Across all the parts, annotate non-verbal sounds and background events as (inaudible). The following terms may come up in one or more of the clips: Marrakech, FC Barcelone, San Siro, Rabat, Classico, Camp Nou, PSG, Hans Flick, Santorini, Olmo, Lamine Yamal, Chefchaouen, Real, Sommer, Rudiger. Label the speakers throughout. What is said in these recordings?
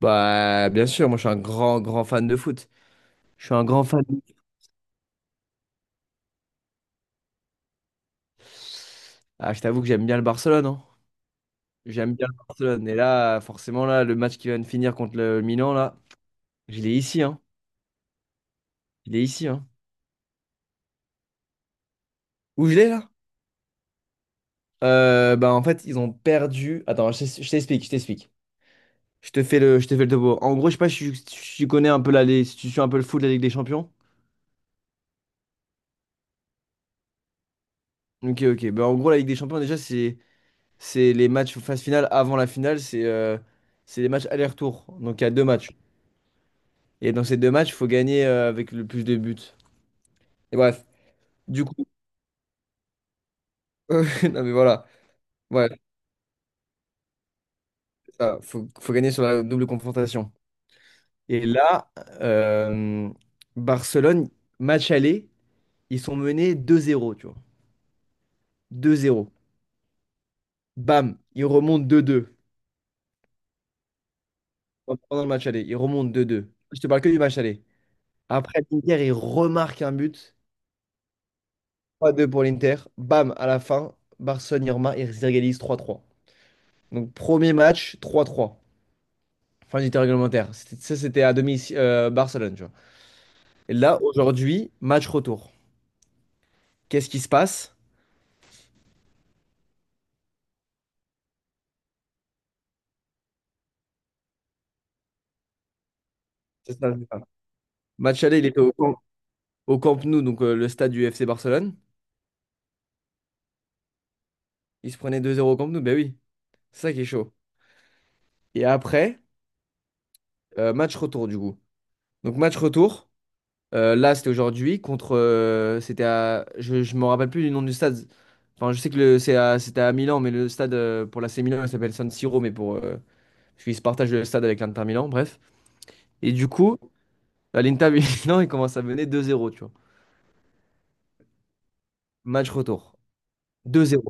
Speaker 1: Bah, bien sûr, moi je suis un grand, grand fan de foot. Je suis un grand fan. Ah, je t'avoue que j'aime bien le Barcelone, hein. J'aime bien le Barcelone. Et là, forcément, là, le match qui vient de finir contre le Milan, là, je l'ai ici, hein. Je l'ai ici, hein. Où je l'ai, là? Bah, en fait, ils ont perdu. Attends, je t'explique. Je te fais le topo. En gros, je sais pas si tu connais un peu si tu suis un peu le foot de la Ligue des Champions. Ok, ok. Bah, en gros, la Ligue des Champions, déjà, c'est les matchs phase finale avant la finale. C'est les matchs aller-retour. Donc, il y a deux matchs. Et dans ces deux matchs, il faut gagner avec le plus de buts. Et bref, du coup, (laughs) non mais voilà, ouais, c'est ça. Faut gagner sur la double confrontation. Et là, euh, Barcelone, match aller, ils sont menés 2-0, tu vois. 2-0. Bam, ils remontent 2-2. Pendant le match aller, ils remontent 2-2. Je te parle que du match aller. Après, l'Inter, ils remarquent un but. 3-2 pour l'Inter. Bam, à la fin, Barcelone, ils réalisent 3-3. Donc, premier match, 3-3. Fin du temps réglementaire. Ça, c'était à domicile, Barcelone, tu vois. Et là, aujourd'hui, match retour. Qu'est-ce qui se passe? C'est ça, c'est ça. Match aller, il était au Camp Nou, donc le stade du FC Barcelone. Il se prenait 2-0 au Camp Nou, ben oui. C'est ça qui est chaud. Et après, match retour, du coup. Donc, match retour, là, c'était aujourd'hui, contre. C'était à. Je me rappelle plus du nom du stade. Enfin, je sais que c'était à Milan, mais le stade pour l'AC Milan, il s'appelle San Siro, mais pour. Parce qu'ils se partagent le stade avec l'Inter Milan, bref. Et du coup. À l'Inter (laughs) Milan, il commence à mener 2-0, tu vois. Match retour. 2-0.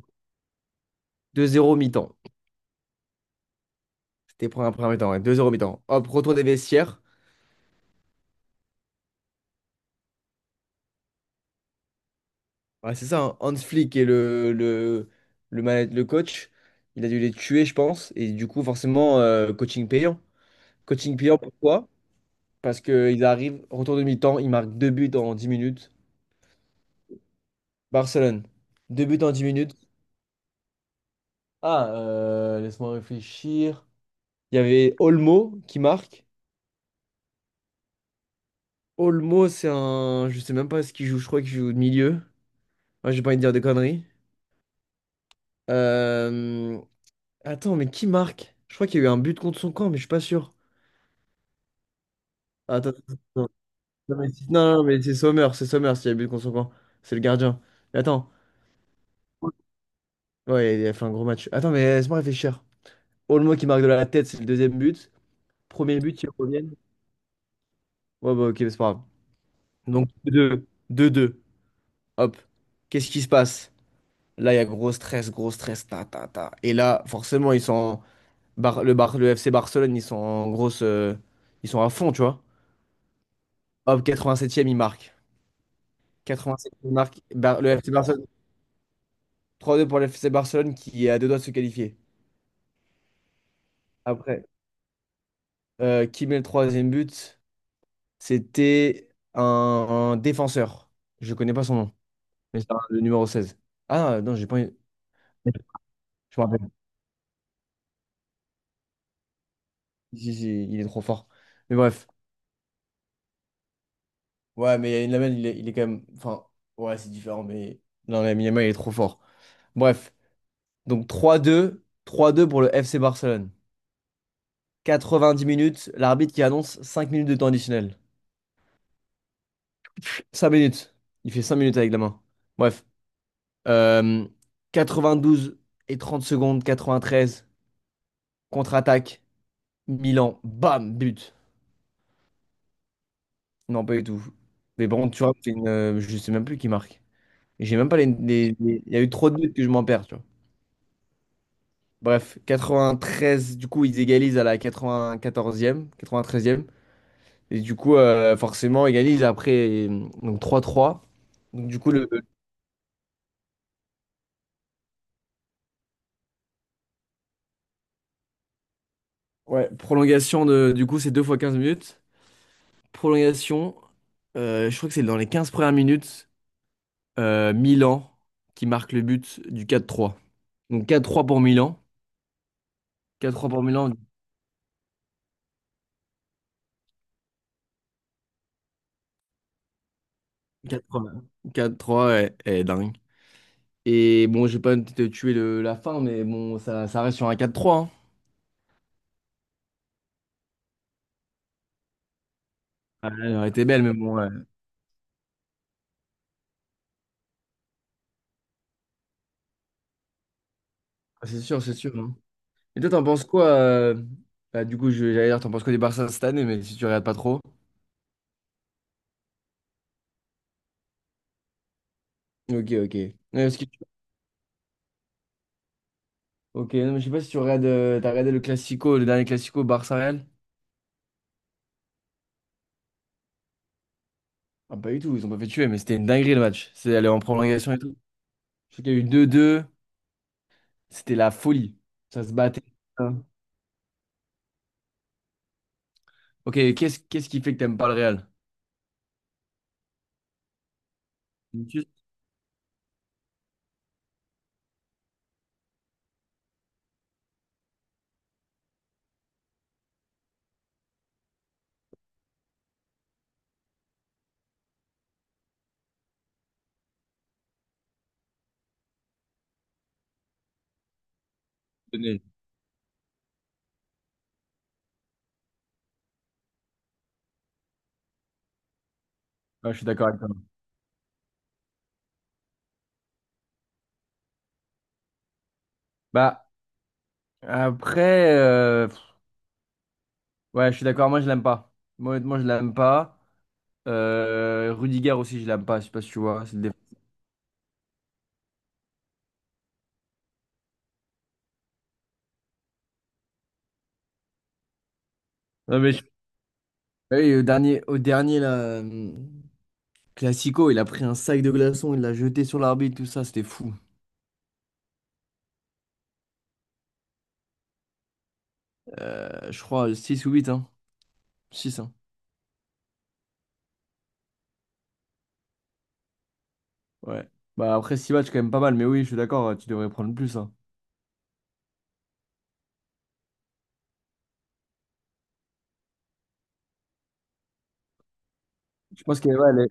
Speaker 1: 2-0 mi-temps. C'était pour un premier mi-temps, ouais. 2-0 mi-temps. Hop, retour des vestiaires. Ouais, c'est ça, hein. Hans Flick et le coach. Il a dû les tuer, je pense. Et du coup, forcément, coaching payant. Coaching payant, pourquoi? Parce qu'ils arrivent, retour de mi-temps, ils marquent deux buts en 10 minutes. Barcelone, deux buts en 10 minutes. Ah, laisse-moi réfléchir. Il y avait Olmo qui marque. Olmo, c'est un. Je sais même pas ce qu'il joue, je crois qu'il joue au milieu. Ouais, j'ai pas envie de dire des conneries. Euh, Attends, mais qui marque? Je crois qu'il y a eu un but contre son camp, mais je suis pas sûr. Attends, attends, attends. Non, mais c'est Sommer, s'il y a eu but contre son camp. C'est le gardien. Mais attends. Ouais, il a fait un gros match. Attends, mais laisse-moi réfléchir. Olmo qui marque de la tête, c'est le deuxième but. Premier but, ils reviennent. Ouais, bah ok, mais c'est pas grave. Donc deux deux. Hop. Qu'est-ce qui se passe? Là, il y a gros stress, gros stress. Ta, ta, ta. Et là, forcément, ils sont. Le FC Barcelone, ils sont en grosse. Ils sont à fond, tu vois. Hop, 87e, ils marquent. 87e, ils marquent. Le FC Barcelone, 3-2 pour le FC Barcelone qui est à deux doigts de se qualifier. Après, qui met le troisième but? C'était un défenseur. Je connais pas son nom, mais le numéro 16. Ah non, j'ai pas. Je me rappelle. Si, si, il est trop fort. Mais bref. Ouais, mais Lamine, il est quand même. Enfin, ouais, c'est différent, mais. Non, Lamine Yamal, il est trop fort. Bref. Donc trois deux pour le FC Barcelone. 90 minutes, l'arbitre qui annonce 5 minutes de temps additionnel. 5 minutes. Il fait 5 minutes avec la main. Bref. Euh, douze et 30 secondes, 93. Contre-attaque, Milan, bam, but. Non, pas du tout. Mais bon, tu vois, je sais même plus qui marque. Et J'ai même pas les, les- il y a eu trop de buts que je m'en perds, tu vois. Bref, 93. Du coup, ils égalisent à la 94e, 93e. Et du coup, forcément, égalise après, donc 3-3. Donc, du coup, ouais, prolongation de, du coup, c'est 2 fois 15 minutes. Prolongation, je crois que c'est dans les 15 premières minutes, Milan qui marque le but du 4-3. Donc, 4-3 pour Milan. 4-3 pour Milan. Quatre trois, quatre trois, ouais, ouais, dingue. Et bon, j'ai pas te tuer la fin, mais bon, ça reste sur un 4-3, hein. Ah, elle aurait été belle, mais bon, ouais. Ah, c'est sûr, c'est sûr. Hein. Et toi, t'en penses quoi bah, du coup, j'allais dire, t'en penses quoi du Barça cette année, mais si tu regardes pas trop. Ok, ok. Ouais, est-ce que tu- Ok, non, mais je sais pas si tu regardes, t'as regardé le Classico, le dernier Classico Barça-Real? Ah, pas du tout, ils ont pas fait tuer, mais c'était une dinguerie le match. C'est allé en prolongation et tout. Je sais qu'il y a eu 2-2, c'était la folie. Ça se battait. Hein. Ok, qu'est-ce qui fait que t'aimes pas le Real? Juste le nez. Ouais, je suis d'accord avec toi. Bah, après, ouais, je suis d'accord, moi je l'aime pas. Moi, honnêtement, je l'aime pas. Rudiger aussi, je l'aime pas, je sais pas si tu vois. C'est le défenseur. Non, mais je- Ah oui, au dernier là, euh, Classico, il a pris un sac de glaçons, il l'a jeté sur l'arbitre, tout ça, c'était fou. Je crois 6 ou 8, hein. Six. Hein. Ouais. Bah après 6 matchs, quand même pas mal, mais oui, je suis d'accord, tu devrais prendre plus. Hein. Je pense que ouais, les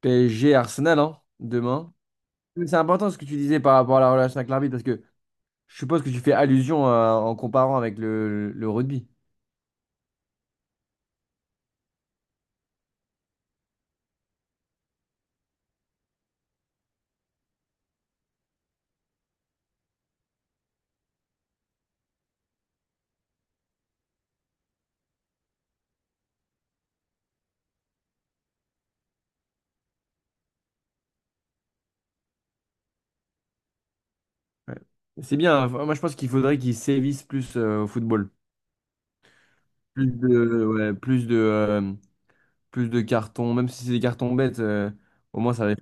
Speaker 1: PSG Arsenal, hein, demain. Mais c'est important ce que tu disais par rapport à la relation avec l'arbitre, parce que je suppose que tu fais allusion en comparant avec le rugby. Ouais. C'est bien, hein. Moi je pense qu'il faudrait qu'ils sévissent plus au football. Plus de, ouais, plus de cartons, même si c'est des cartons bêtes, au moins ça va.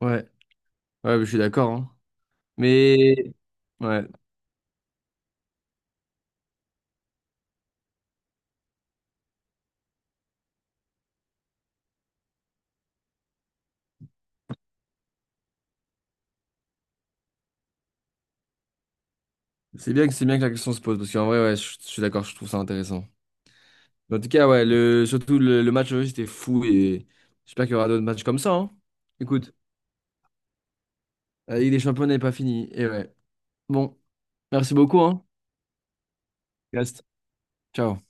Speaker 1: Ouais, ouais, je suis d'accord. Hein. Mais ouais, c'est bien que la question se pose parce qu'en vrai, ouais, je suis d'accord, je trouve ça intéressant. En tout cas, ouais, le match aujourd'hui, c'était fou et j'espère qu'il y aura d'autres matchs comme ça. Hein. Écoute, la Ligue des Champions n'est pas finie. Et ouais. Bon, merci beaucoup, hein. Reste. Ciao.